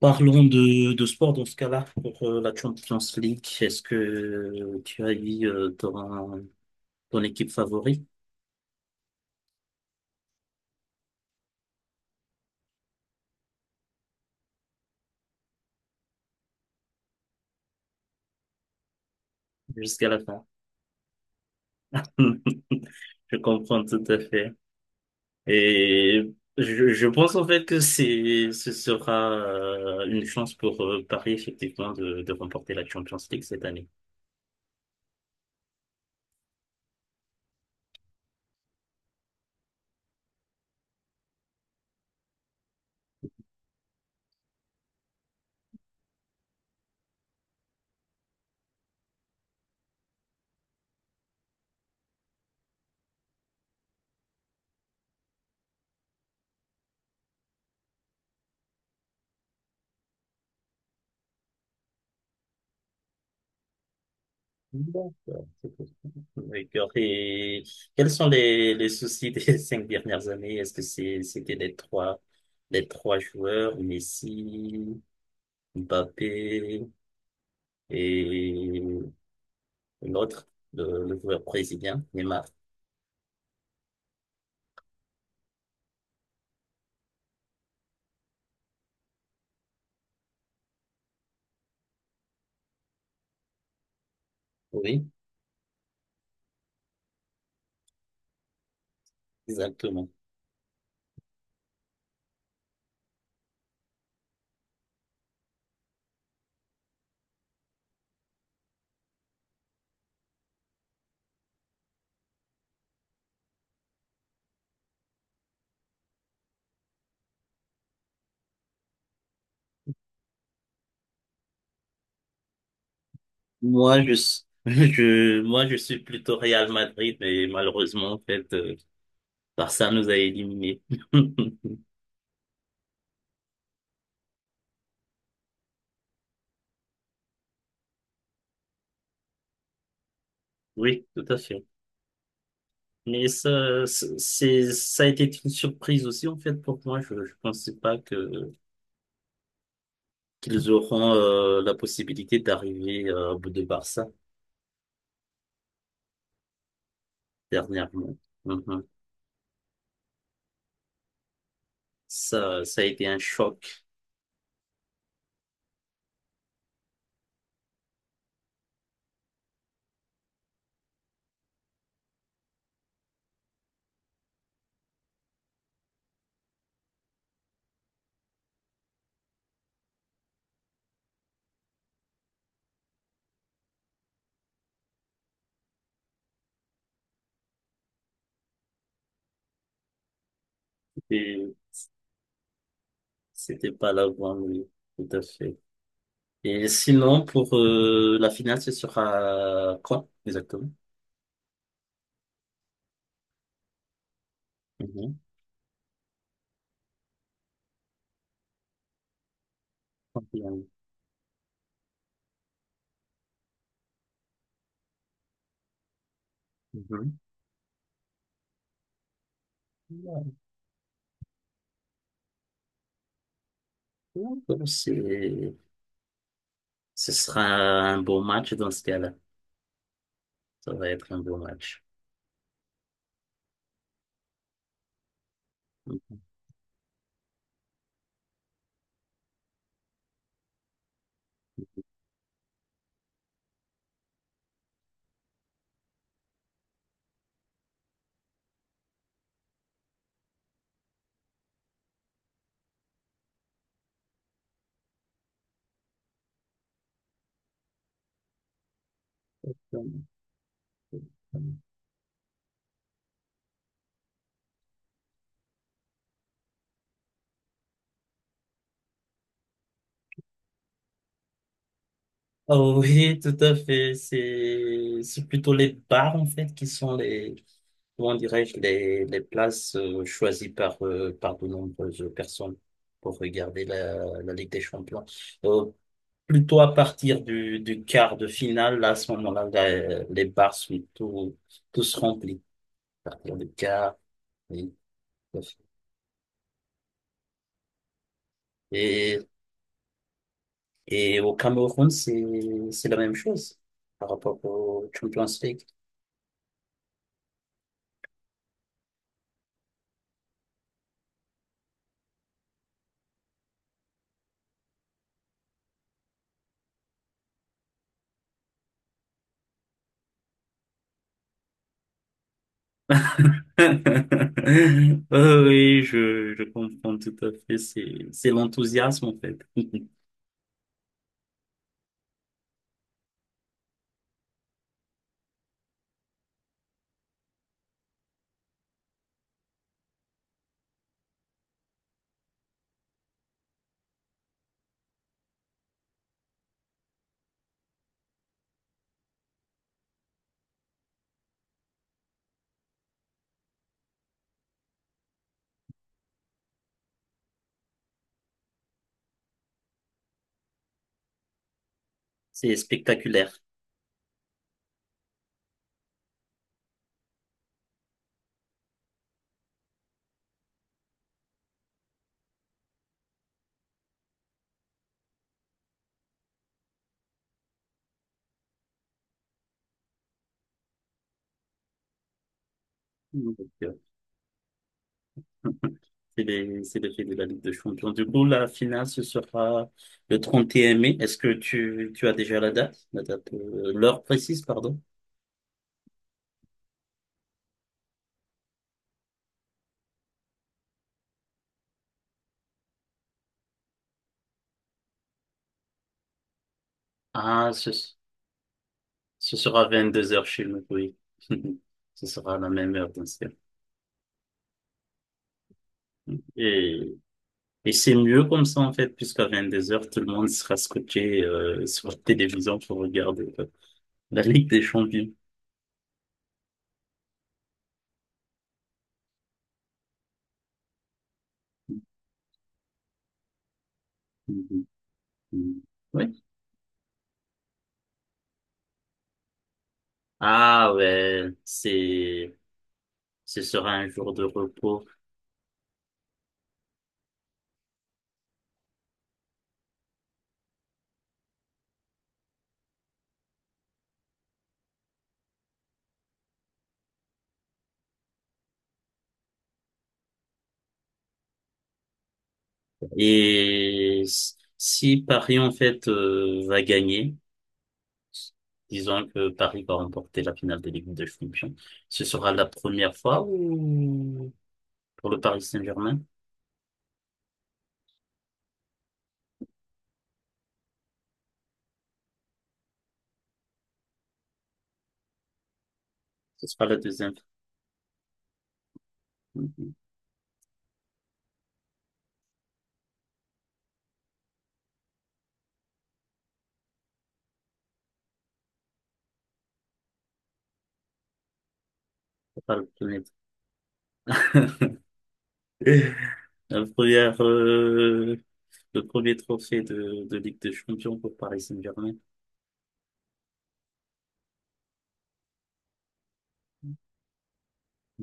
Parlons de sport dans ce cas-là pour la Champions League. Est-ce que tu as eu ton équipe favorite jusqu'à la fin? Je comprends tout à fait. Et je pense en fait que c'est ce sera une chance pour Paris effectivement de remporter la Champions League cette année. D'accord, c'est possible. D'accord. Et quels sont les soucis des 5 dernières années? Est-ce que c'était les trois joueurs, Messi, Mbappé et l'autre, le joueur brésilien, Neymar? Oui, exactement. Je suis plutôt Real Madrid, mais malheureusement, en fait, Barça nous a éliminés. Oui, tout à fait. Mais ça a été une surprise aussi, en fait, pour moi. Je ne pensais pas que qu'ils auront la possibilité d'arriver au bout de Barça dernièrement. Mhm. Ça a été un choc. Et c'était pas là avant, oui, tout à fait. Et sinon, pour la finale, ce sera quand exactement? Mhm. Bien. Mhm. Donc, ce sera un beau match dans ce cas-là. Ça va être un beau match. Mhm. Ah oui, tout à fait. C'est plutôt les bars, en fait, qui sont comment dirais-je, les places choisies par de nombreuses personnes pour regarder la Ligue des Champions. Euh, plutôt à partir du quart de finale, là, à ce moment-là, les bars sont tous remplis. À partir du quart, oui. Tout à fait. Et au Cameroun, c'est la même chose par rapport au Champions League. Oh oui, je comprends tout à fait. C'est l'enthousiasme, en fait. C'est spectaculaire. Donc, euh, c'est les faits de la Ligue des Champions. Du coup, la finale, ce sera le 31 mai. Est-ce que tu as déjà la date? La date, l'heure précise, pardon? Ah, ce sera 22 heures chez nous, oui. Ce sera à la même heure, bien sûr. Et Et c'est mieux comme ça, en fait, puisqu'à 2 heures tout le monde sera scotché sur la télévision pour regarder la Ligue des Champions. Mhm. Mhm. Ouais. Ah ouais, ce sera un jour de repos. Et si Paris, en fait, va gagner, disons que Paris va remporter la finale de Ligue des Champions, ce sera la première fois ou pour le Paris Saint-Germain, ce sera la deuxième. Mhm. Ce sera le premier. La première, euh, le premier trophée de Ligue des Champions pour Paris Saint-Germain.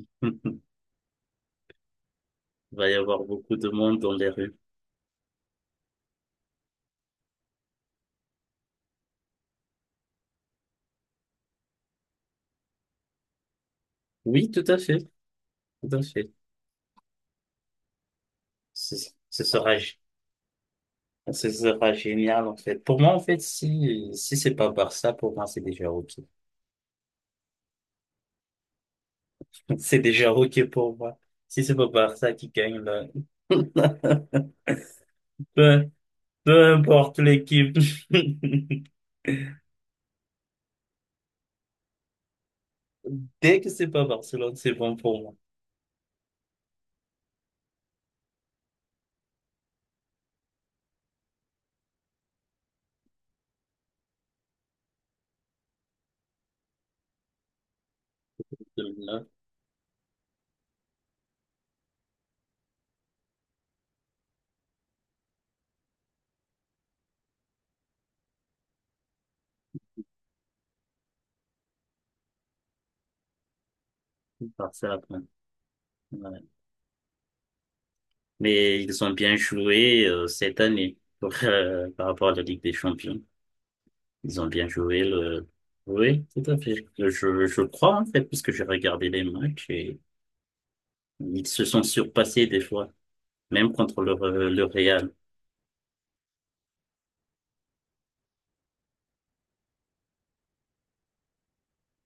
Il va y avoir beaucoup de monde dans les rues. Oui, tout à fait, tout à fait. Ce ce sera, gé- ce sera génial, en fait. Pour moi, en fait, si c'est pas Barça, pour moi, c'est déjà OK. C'est déjà OK pour moi. Si c'est pas Barça qui gagne, là, peu, peu importe l'équipe. Dès que c'est pas Barcelone, c'est bon pour moi. 2009, Barça, après. Ouais. Mais ils ont bien joué cette année pour, par rapport à la Ligue des Champions. Ils ont bien joué le... Oui, tout à fait. Je crois en fait, puisque j'ai regardé les matchs et ils se sont surpassés des fois, même contre le Real,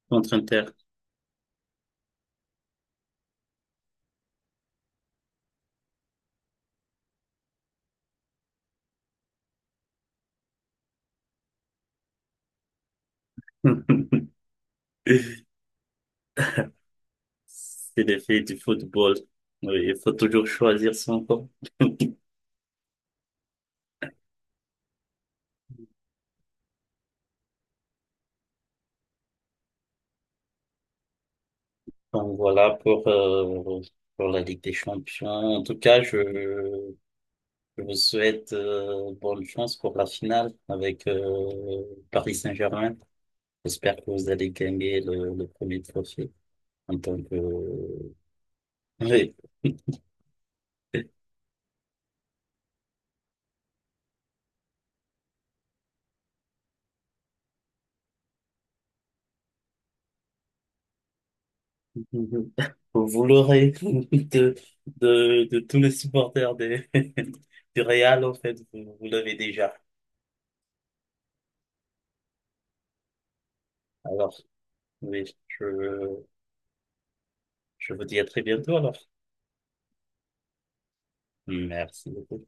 contre Inter. C'est des faits du football. Oui, il faut toujours choisir son camp. Donc voilà pour la Ligue des Champions. En tout cas, je vous souhaite bonne chance pour la finale avec Paris Saint-Germain. J'espère que vous allez gagner le premier trophée en tant que... Oui, vous l'aurez de, de tous les supporters des, du Real, en fait, vous l'avez déjà. Alors, oui, je vous dis à très bientôt alors. Merci beaucoup.